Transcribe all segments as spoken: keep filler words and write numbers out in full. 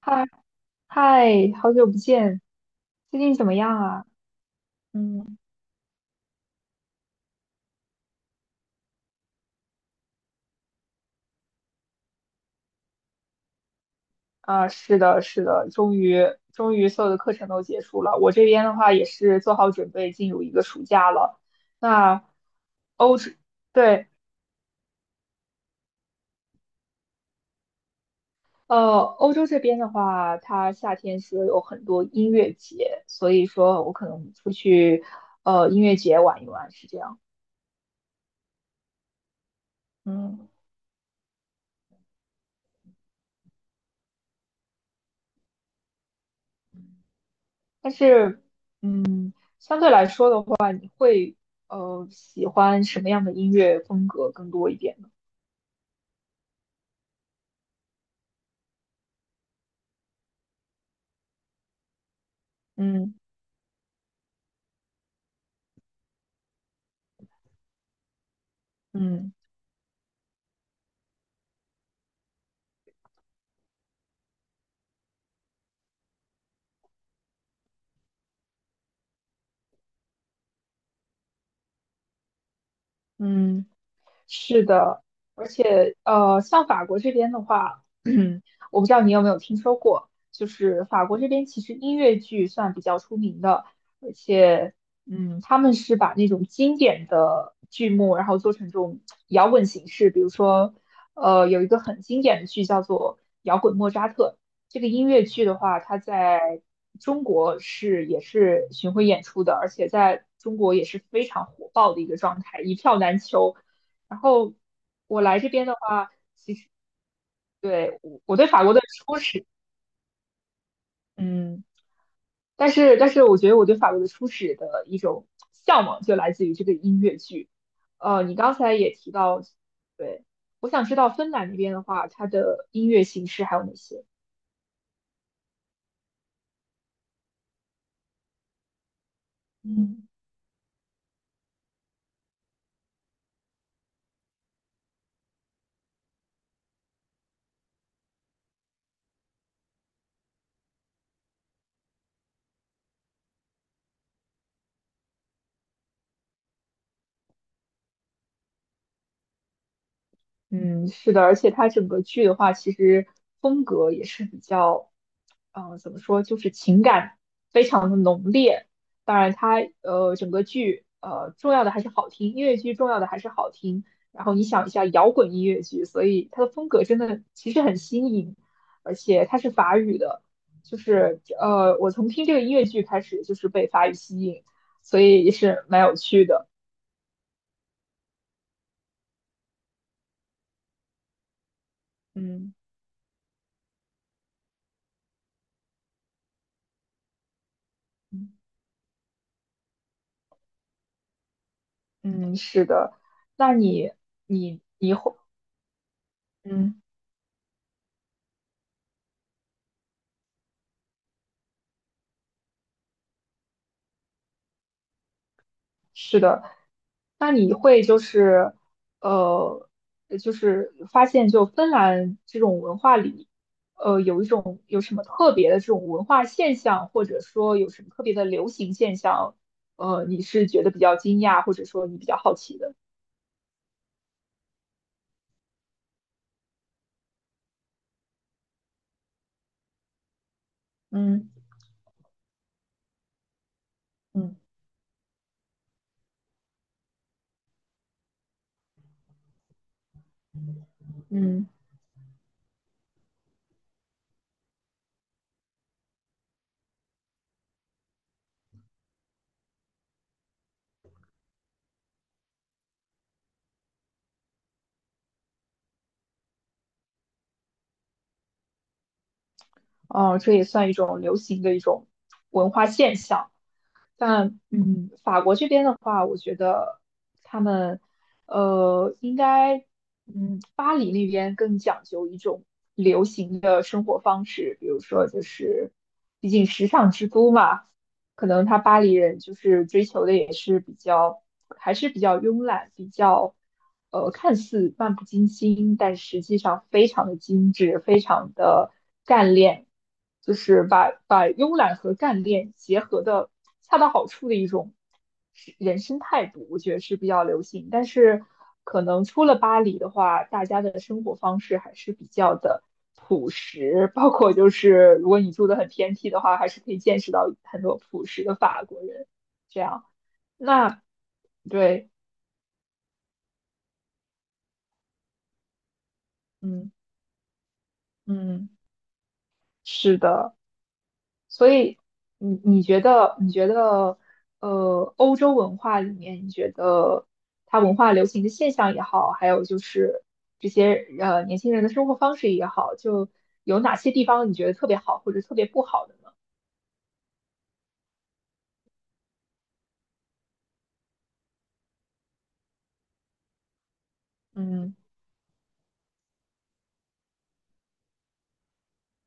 嗨嗨，好久不见，最近怎么样啊？嗯啊，是的，是的，终于终于所有的课程都结束了。我这边的话也是做好准备进入一个暑假了。那欧洲，对，呃，欧洲这边的话，它夏天是有很多音乐节，所以说我可能出去呃音乐节玩一玩，是这样。嗯，但是相对来说会呃喜欢什么样的音乐风格更多一点呢？嗯。嗯嗯，是的，而且呃，像法国这边的话，我不知道你有没有听说过，就是法国这边其实音乐剧算比较出名的，而且嗯，他们是把那种经典的剧目，然后做成这种摇滚形式，比如说呃，有一个很经典的剧叫做《摇滚莫扎特》，这个音乐剧的话，它在中国是也是巡回演出的，而且在中国也是非常火爆的一个状态，一票难求。然后我来这边的话，对，我我对法国的初始，嗯，但是但是我觉得我对法国的初始的一种向往就来自于这个音乐剧。呃，你刚才也提到，对，我想知道芬兰那边的话，它的音乐形式还有哪些？嗯。嗯，是的，而且它整个剧的话，其实风格也是比较，呃，怎么说，就是情感非常的浓烈。当然它，呃整个剧呃重要的还是好听，音乐剧重要的还是好听。然后你想一下，摇滚音乐剧，所以它的风格真的其实很新颖，而且它是法语的，就是呃我从听这个音乐剧开始就是被法语吸引，所以也是蛮有趣的。嗯。嗯嗯，是的。那你你嗯，那你会就是呃，呃就是发现就芬兰这种文化里，呃，有一种有什么特别的这种文化现象，或者说有什么特别的流行现象，呃，你是觉得比较惊讶，或者说你比较好奇的？嗯嗯。嗯。哦，这也算一种流行的一种文化现象。但嗯，法国这边的话，我觉得他们呃，应该嗯，巴黎那边更讲究一种流行的生活方式，比如说就是，毕竟时尚之都嘛，可能他巴黎人就是追求的也是比较，还是比较慵懒，比较，呃，看似漫不经心，但实际上非常的精致，非常的干练，就是把把慵懒和干练结合的恰到好处的一种。是人生态度，我觉得是比较流行。但是可能出了巴黎的话，大家的生活方式还是比较的朴实，包括就是如果你住的很偏僻的话，还是可以见识到很多朴实的法国人。这样，对，嗯嗯，是的。所以你你觉得你觉得呃，欧洲文化里面，你觉得它文化流行的现象也好，还有就是这些呃年轻人的生活方式也好，就有哪些地方你觉得特别好或者特别不好的呢？嗯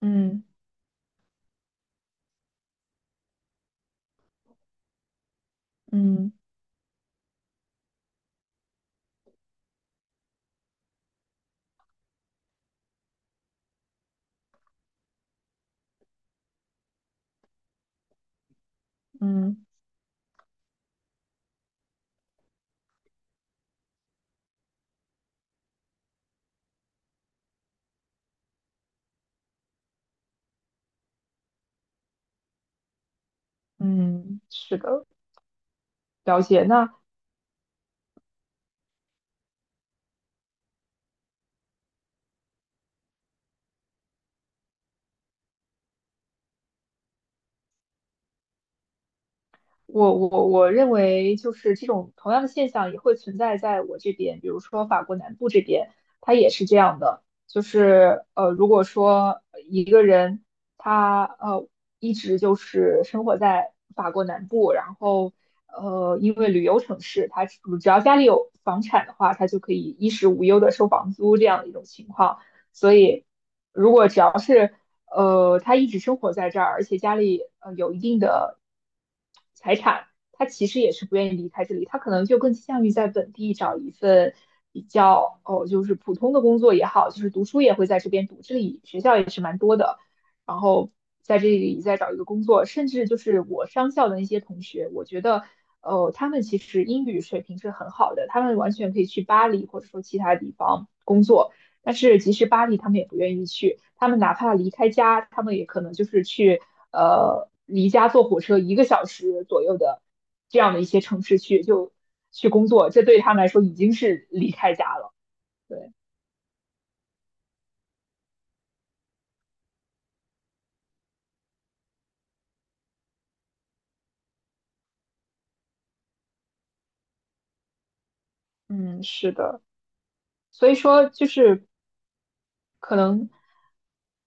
嗯嗯嗯嗯，是的，了解。那我我我认为就是这种同样的现象也会存在在我这边，比如说法国南部这边，它也是这样的。就是呃，如果说呃一个人他呃一直就是生活在法国南部，然后呃因为旅游城市，他只只要家里有房产的话，他就可以衣食无忧的收房租这样的一种情况。所以呃，他一直生活在这儿，而且家里呃有一定的财产，他其实也是不愿意离开这里，他可能就更倾向于在本地找一份比较哦，就是普通的工作也好，就是读书也会在这边读，这里学校也是蛮多的，然后在这里再找一个工作，甚至就是我商校的那些同学，我觉得。呃，他们其实英语水平是很好的，他们完全可以去巴黎或者说其他地方工作。但是即使巴黎，他们也不愿意去。他们哪怕离开家，他们也可能就是去呃离家坐火车一个小时左右的这样的一些城市去就去工作，这对他们来说已经是离开家了。对，嗯，是的。所以说，就是可能，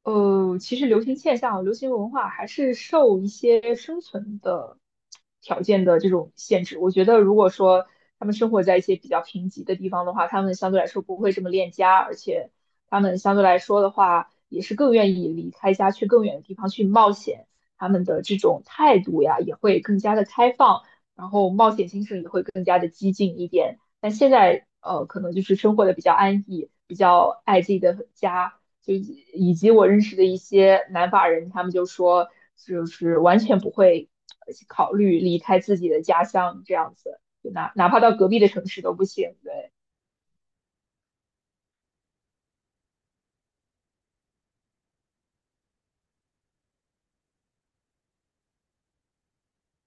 呃，其实流行现象、流行文化还是受一些生存的条件的这种限制。我觉得，如果说他们生活在一些比较贫瘠的地方的话，他们相对来说不会这么恋家，而且他们相对来说的话，也是更愿意离开家去更远的地方去冒险。他们的这种态度呀，也会更加的开放，然后冒险精神也会更加的激进一点。但现在呃，可能就是生活的比较安逸，比较爱自己的家，就以以及我认识的一些南法人，他们就说，就是完全不会呃考虑离开自己的家乡这样子，就哪哪怕到隔壁的城市都不行。对，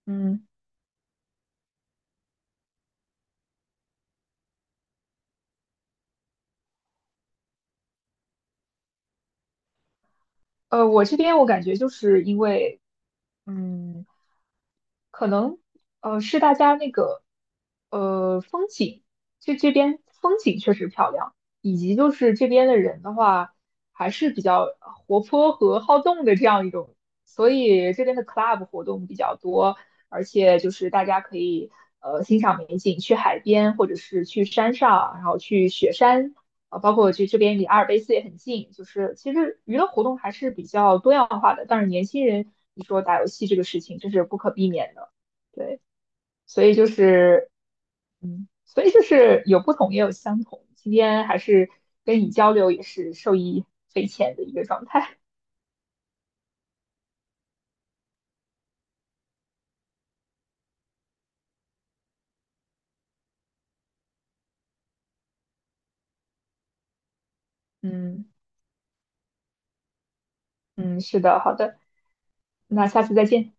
嗯。呃，我这边我感觉就是因为，嗯，可能呃是大家那个呃风景，这这边风景确实漂亮，以及就是这边的人的话还是比较活泼和好动的这样一种，所以这边的 club 活动比较多，而且就是大家可以呃欣赏美景，去海边或者是去山上，然后去雪山。啊，包括去这边离阿尔卑斯也很近，就是其实娱乐活动还是比较多样化的。但是年轻人，你说打游戏这个事情，这是不可避免的。对，所以就是，嗯，所以就是有不同也有相同。今天还是跟你交流，也是受益匪浅的一个状态。嗯嗯，是的，好的，那下次再见。